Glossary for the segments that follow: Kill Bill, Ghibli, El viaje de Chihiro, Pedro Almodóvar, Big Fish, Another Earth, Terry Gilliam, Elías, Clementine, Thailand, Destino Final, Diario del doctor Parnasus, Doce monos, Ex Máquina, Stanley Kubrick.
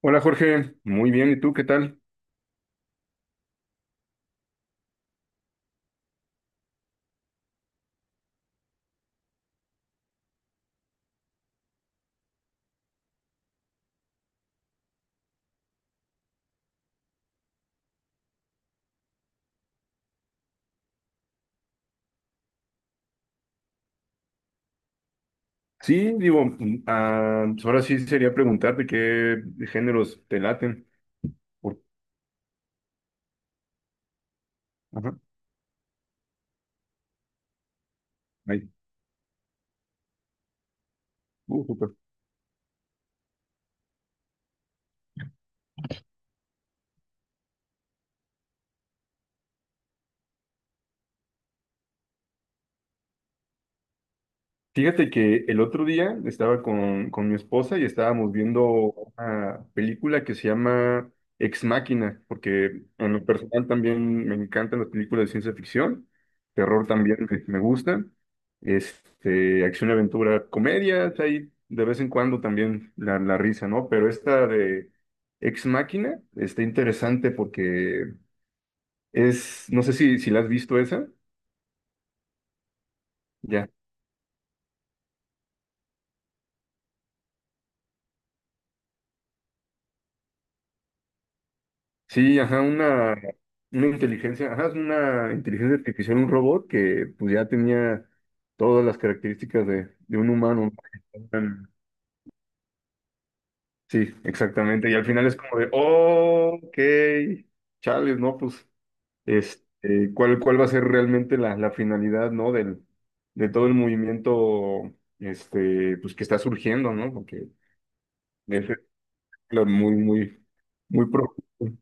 Hola Jorge, muy bien, ¿y tú qué tal? Sí, digo, pues ahora sí sería preguntarte qué géneros te laten. Por- Ajá. Ay, súper. Fíjate que el otro día estaba con mi esposa y estábamos viendo una película que se llama Ex Máquina, porque en lo personal también me encantan las películas de ciencia ficción, terror también me gusta, este, acción, aventura, comedias, hay de vez en cuando también la risa, ¿no? Pero esta de Ex Máquina está interesante porque es, no sé si la has visto esa. Ya. Sí, ajá, una inteligencia, ajá, es una inteligencia artificial, un robot que pues ya tenía todas las características de un humano. ¿No? Sí, exactamente. Y al final es como de, "Oh, ok, chales", ¿no? Pues, este, ¿cuál va a ser realmente la finalidad, ¿no? Del, de todo el movimiento, este, pues que está surgiendo, ¿no? Porque es claro, muy, muy profundo.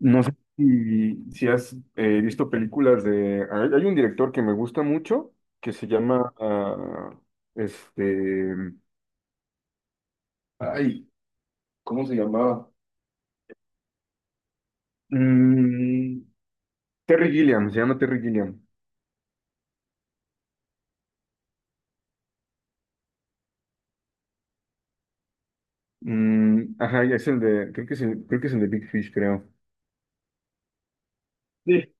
No sé si has visto películas de. Hay un director que me gusta mucho, que se llama, este... Ay, ¿cómo se llamaba? Mm, Terry Gilliam, se llama Terry Gilliam. Ajá, y es el de. Creo que es el, creo que es el de Big Fish, creo. Sí.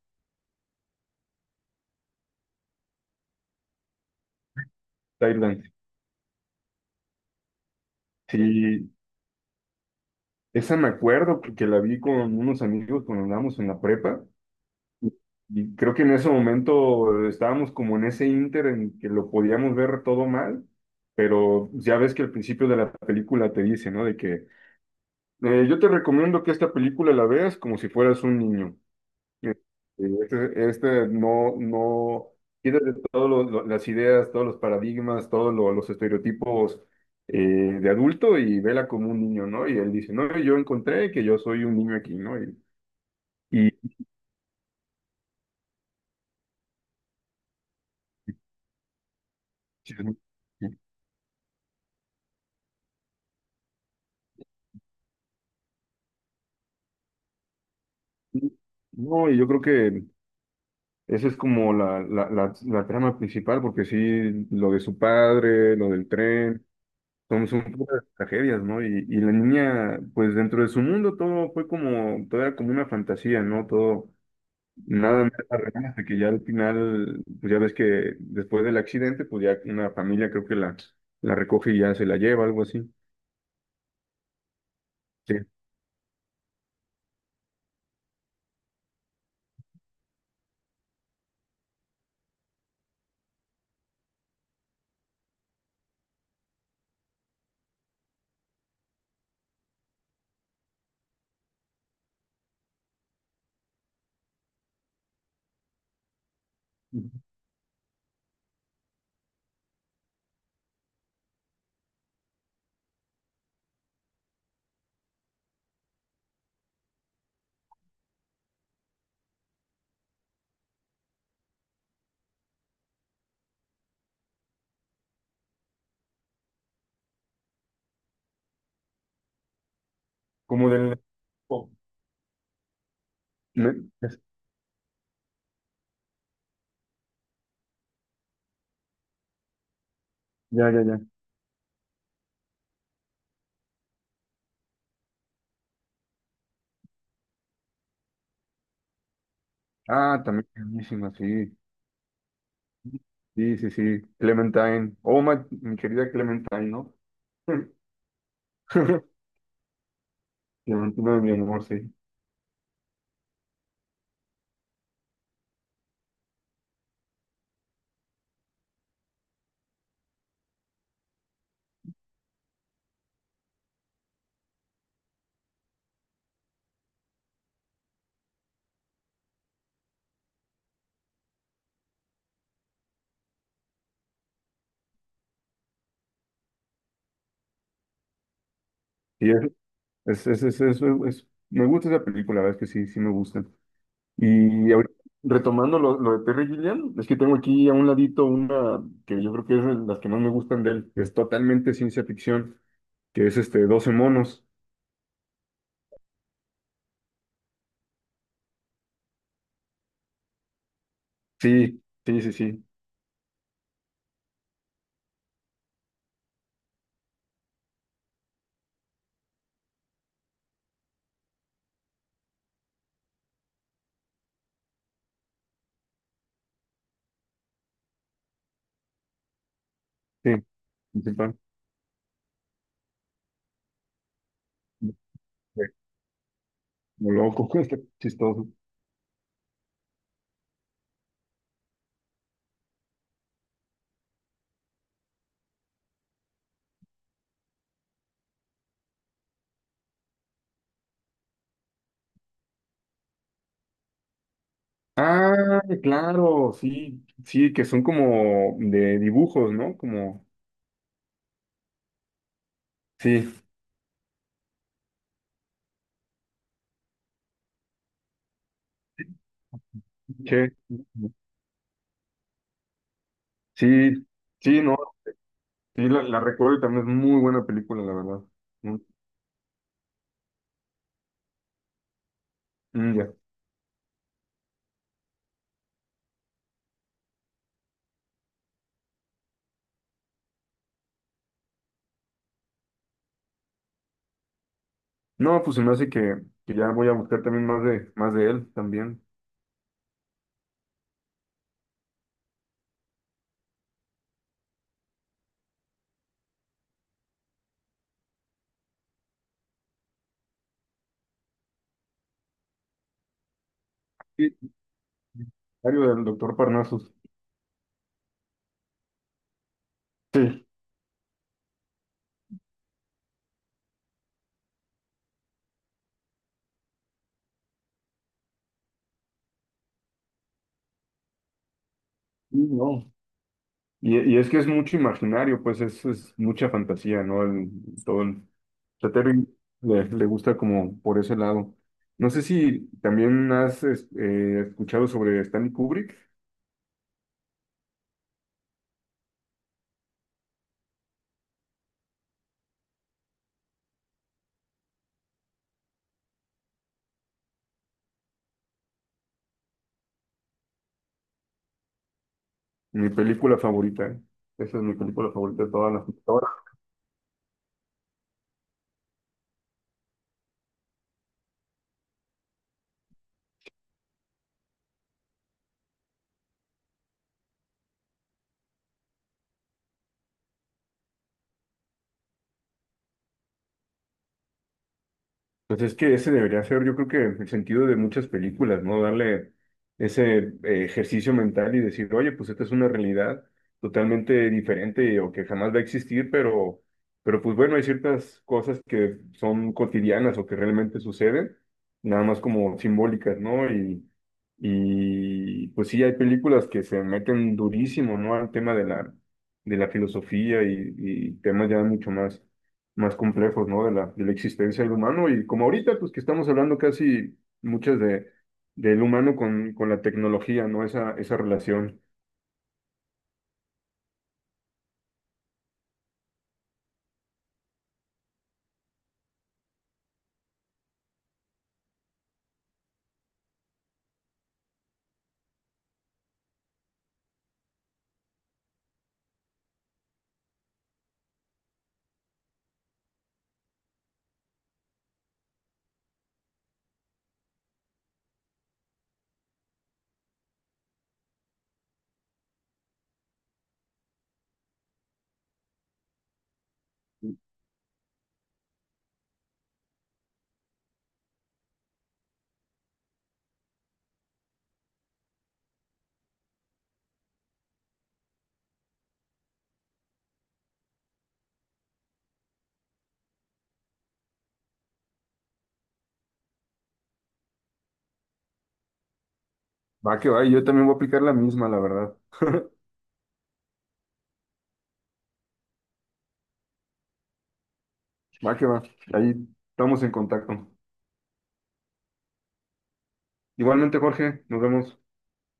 Thailand. Sí, esa me acuerdo porque la vi con unos amigos cuando andábamos en la prepa. Y creo que en ese momento estábamos como en ese ínter en que lo podíamos ver todo mal, pero ya ves que al principio de la película te dice, ¿no? De que yo te recomiendo que esta película la veas como si fueras un niño. Eh, este no, no, quítate todas las ideas, todos los paradigmas, los estereotipos eh, de adulto y vela como un niño, ¿no? Y él dice, no, yo encontré que yo soy un niño aquí, ¿no? Y. No, y yo creo que esa es como la trama principal, porque sí, lo de su padre, lo del tren, son, son puras tragedias, ¿no? Y la niña, pues dentro de su mundo todo fue como, todo era como una fantasía, ¿no? Todo, nada más real, hasta que ya al final, pues ya ves que después del accidente, pues ya una familia creo que la recoge y ya se la lleva, algo así. Sí. Como del. ¿No? Ya, ya, ya. Ah, también buenísima, sí. Sí, sí, sí, Clementine. Oh, mi querida Clementine, ¿no? Clementina de mi amor, sí. Y es, me gusta esa película, la verdad es que sí, sí me gusta. Y ahorita, retomando lo de Terry Gilliam, es que tengo aquí a un ladito una que yo creo que es de las que más me gustan de él, que es totalmente ciencia ficción, que es este Doce monos. Sí, sí, sí, sí, sí, principal. Como loco, chistoso. Ah, claro, sí, sí, que son como de dibujos, ¿no? Como, sí, che, sí, sí, no, sí, la recuerdo y también es muy buena película, la verdad. Mm, mm, ya. No, pues se me hace que ya voy a buscar también más más de él también. Sí, Diario del doctor Parnasus. Sí, sí, no. Y es que es mucho imaginario, pues es mucha fantasía, ¿no? Todo el- sea, Terry le gusta como por ese lado. No sé si también escuchado sobre Stanley Kubrick, mi película favorita. Esa es mi película favorita de todas todas las. Pues es que ese debería ser, yo creo que el sentido de muchas películas, ¿no? Darle ese ejercicio mental y decir, oye, pues esta es una realidad totalmente diferente o que jamás va a existir, pero pues bueno, hay ciertas cosas que son cotidianas o que realmente suceden, nada más como simbólicas, ¿no? Y pues sí, hay películas que se meten durísimo, ¿no? Al tema de de la filosofía y temas ya mucho más más complejos, ¿no? De de la existencia del humano y como ahorita, pues que estamos hablando casi muchas de, del humano con la tecnología, ¿no? Esa relación. Va que va, y yo también voy a aplicar la misma, la verdad. Va que va, ahí estamos en contacto. Igualmente, Jorge, nos vemos.